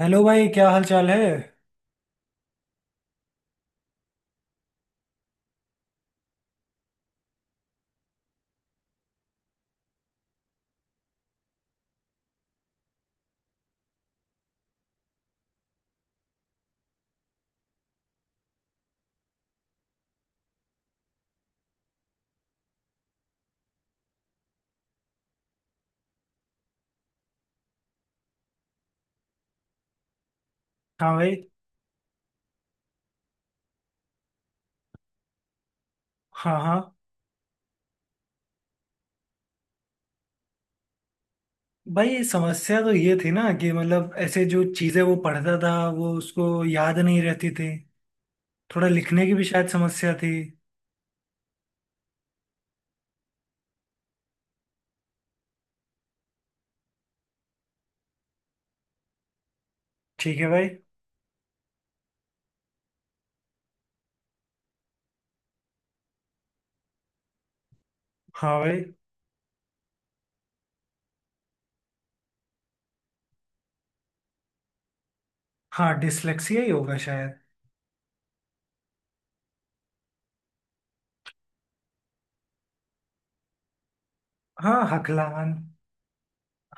Hello भाई, क्या हाल चाल है। हाँ भाई। हाँ हाँ। भाई समस्या तो ये थी ना कि मतलब ऐसे जो चीज़ें वो पढ़ता था वो उसको याद नहीं रहती थी। थोड़ा लिखने की भी शायद समस्या थी। ठीक है भाई। हाँ भाई। हाँ डिसलेक्सिया ही होगा शायद। हाँ हकलान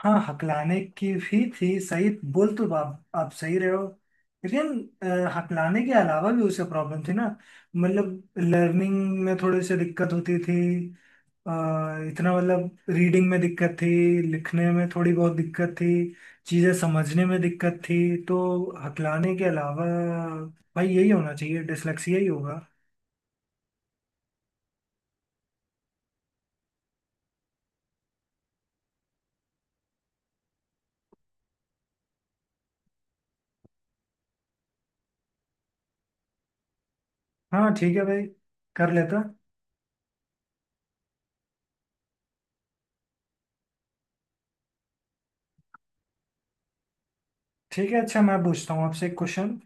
हाँ हकलाने की भी थी। सही बोल तो, आप सही रहे हो। लेकिन हकलाने के अलावा भी उसे प्रॉब्लम थी ना। मतलब लर्निंग में थोड़ी सी दिक्कत होती थी। अ, इतना मतलब रीडिंग में दिक्कत थी। लिखने में थोड़ी बहुत दिक्कत थी। चीज़ें समझने में दिक्कत थी। तो हकलाने के अलावा भाई यही होना चाहिए, डिसलेक्सिया ही होगा। हाँ ठीक है भाई। कर लेता। ठीक है, अच्छा मैं पूछता हूँ आपसे एक क्वेश्चन।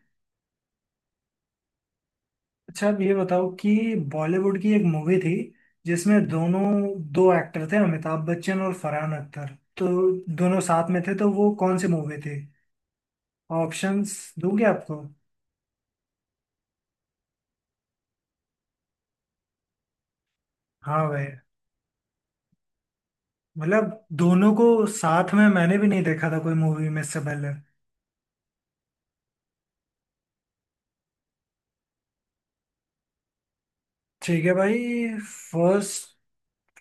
अच्छा आप ये बताओ कि बॉलीवुड की एक मूवी थी जिसमें दोनों, दो एक्टर थे, अमिताभ बच्चन और फरहान अख्तर। तो दोनों साथ में थे, तो वो कौन सी मूवी थी। ऑप्शंस दूंगे आपको। हाँ भाई। मतलब दोनों को साथ में मैंने भी नहीं देखा था कोई मूवी में इससे पहले। ठीक है भाई। फर्स्ट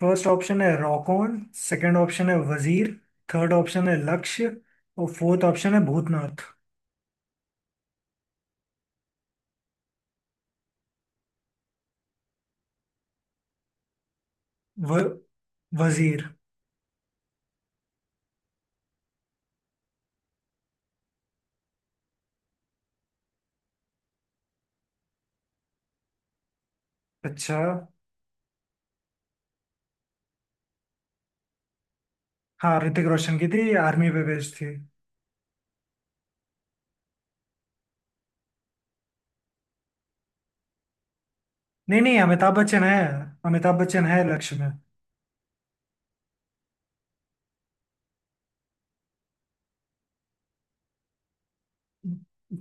फर्स्ट ऑप्शन है रॉकॉन। सेकंड ऑप्शन है वजीर। थर्ड ऑप्शन है लक्ष्य। और फोर्थ ऑप्शन है भूतनाथ। व वजीर। अच्छा। हाँ ऋतिक रोशन की थी, आर्मी पे बेस्ड थी। नहीं नहीं, अमिताभ बच्चन है। अमिताभ बच्चन है लक्ष्य में।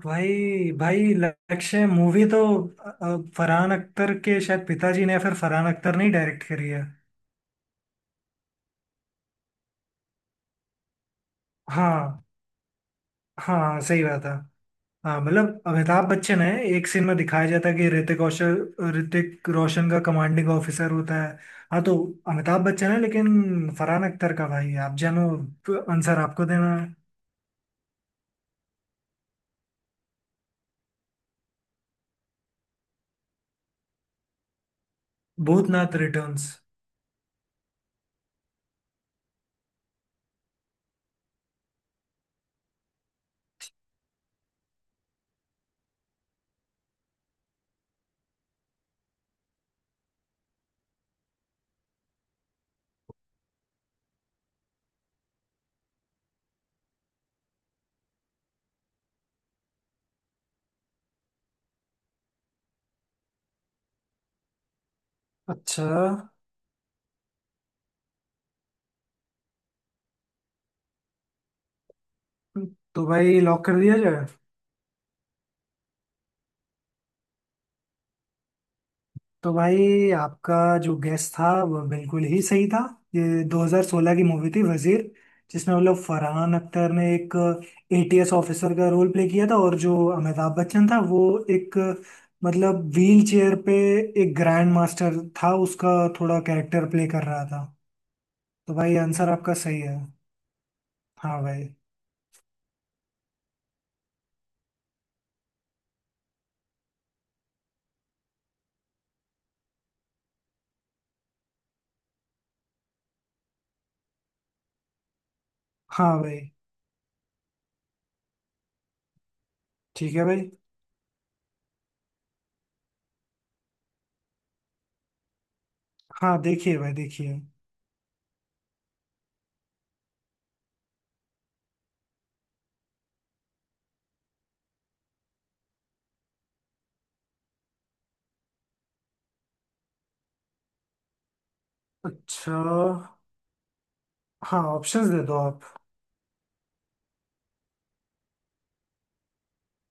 भाई भाई लक्ष्य मूवी तो फरहान अख्तर के शायद पिताजी ने या फिर फरहान अख्तर ने ही डायरेक्ट करी है। हाँ हाँ सही बात है। हाँ मतलब अमिताभ बच्चन है। एक सीन में दिखाया जाता है कि ऋतिक रोशन का कमांडिंग ऑफिसर होता है। हाँ तो अमिताभ बच्चन है, लेकिन फरहान अख्तर का भाई है। आप जानो, आंसर आपको देना है। भूतनाथ रिटर्न्स। अच्छा तो भाई लॉक कर दिया जाए। तो भाई आपका जो गेस था वो बिल्कुल ही सही था। ये 2016 की मूवी थी वजीर, जिसमें मतलब फरहान अख्तर ने एक एटीएस ऑफिसर का रोल प्ले किया था, और जो अमिताभ बच्चन था वो एक मतलब व्हील चेयर पे एक ग्रैंड मास्टर था, उसका थोड़ा कैरेक्टर प्ले कर रहा था। तो भाई आंसर आपका सही है। हाँ भाई। हाँ भाई। ठीक है भाई। हाँ देखिए भाई, देखिए। अच्छा। हाँ ऑप्शंस दे दो आप।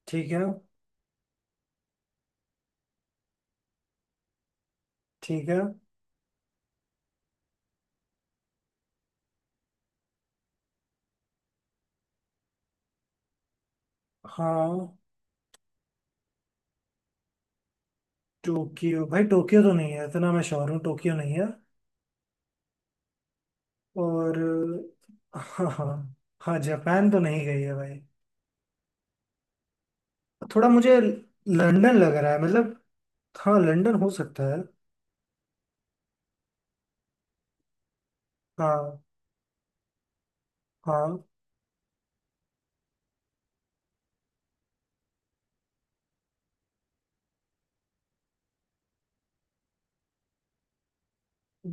ठीक है। ठीक है। हाँ टोक्यो, भाई टोक्यो तो नहीं है, इतना मैं श्योर हूँ, टोक्यो नहीं है। और हाँ हाँ। हाँ जापान तो नहीं गई है भाई। थोड़ा मुझे लंदन लग रहा है, मतलब हाँ लंदन हो सकता है। हाँ। हाँ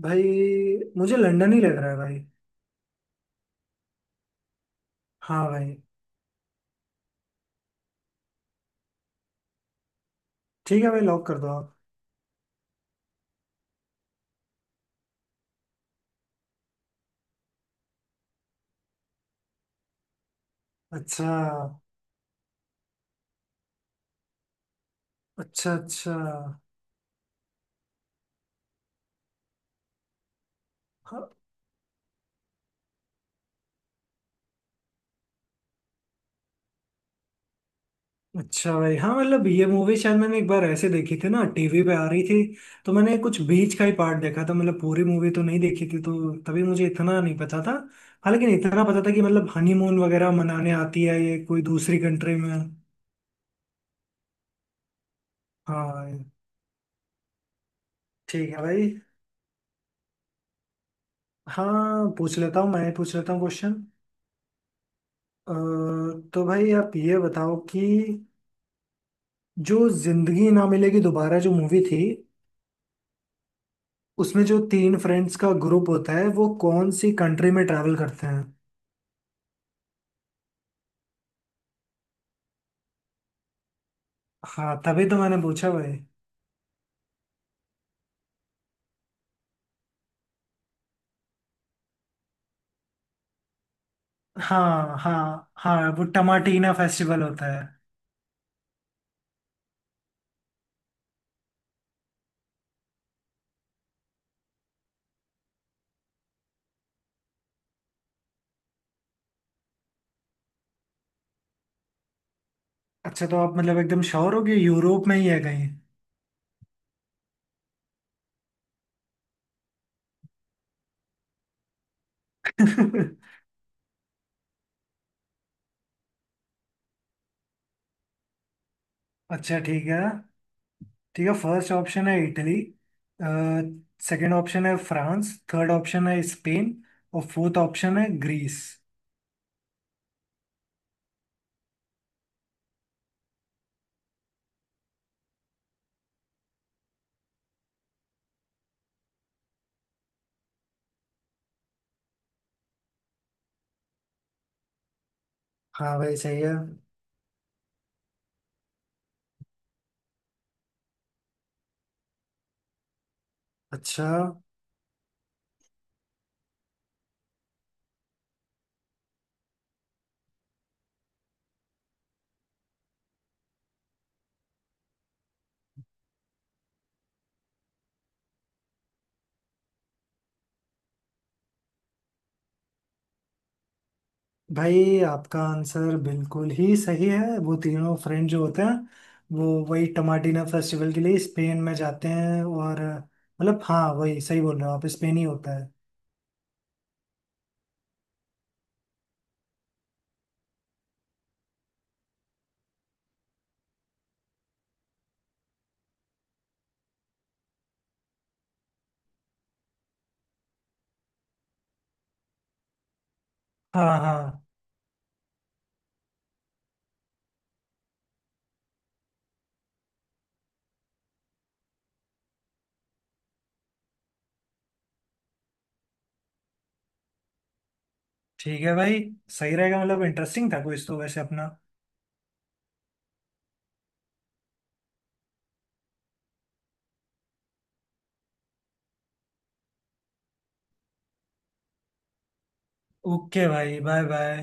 भाई, मुझे लंदन ही लग रहा है भाई। हाँ भाई। ठीक है भाई, लॉक कर दो आप। अच्छा अच्छा अच्छा। हाँ, अच्छा भाई, हाँ मतलब ये मूवी शायद मैंने एक बार ऐसे देखी थी ना, टीवी पे आ रही थी। तो मैंने कुछ बीच का ही पार्ट देखा था, मतलब पूरी मूवी तो नहीं देखी थी, तो तभी मुझे इतना नहीं पता था। हालांकि इतना पता था कि मतलब हनीमून वगैरह मनाने आती है ये कोई दूसरी कंट्री में। हाँ। ठीक है भाई। हाँ पूछ लेता हूँ, मैं ही पूछ लेता हूँ क्वेश्चन। तो भाई आप ये बताओ कि जो जिंदगी ना मिलेगी दोबारा जो मूवी थी, उसमें जो 3 फ्रेंड्स का ग्रुप होता है वो कौन सी कंट्री में ट्रैवल करते हैं। हाँ तभी तो मैंने पूछा भाई। हाँ हाँ हाँ, वो टमाटीना फेस्टिवल होता है। अच्छा तो आप मतलब एकदम श्योर हो कि यूरोप में ही है कहीं। अच्छा ठीक है। ठीक है, फर्स्ट ऑप्शन है इटली। सेकंड ऑप्शन है फ्रांस। थर्ड ऑप्शन है स्पेन। और फोर्थ ऑप्शन है ग्रीस। हाँ भाई सही है। अच्छा। भाई आपका आंसर बिल्कुल ही सही है, वो तीनों फ्रेंड जो होते हैं वो वही टमाटिना फेस्टिवल के लिए स्पेन में जाते हैं। और मतलब हाँ, वही सही बोल रहे हो आप, स्पेन ही होता है। हाँ हाँ। ठीक है भाई। सही रहेगा, मतलब इंटरेस्टिंग था कुछ तो वैसे अपना। ओके भाई, बाय बाय।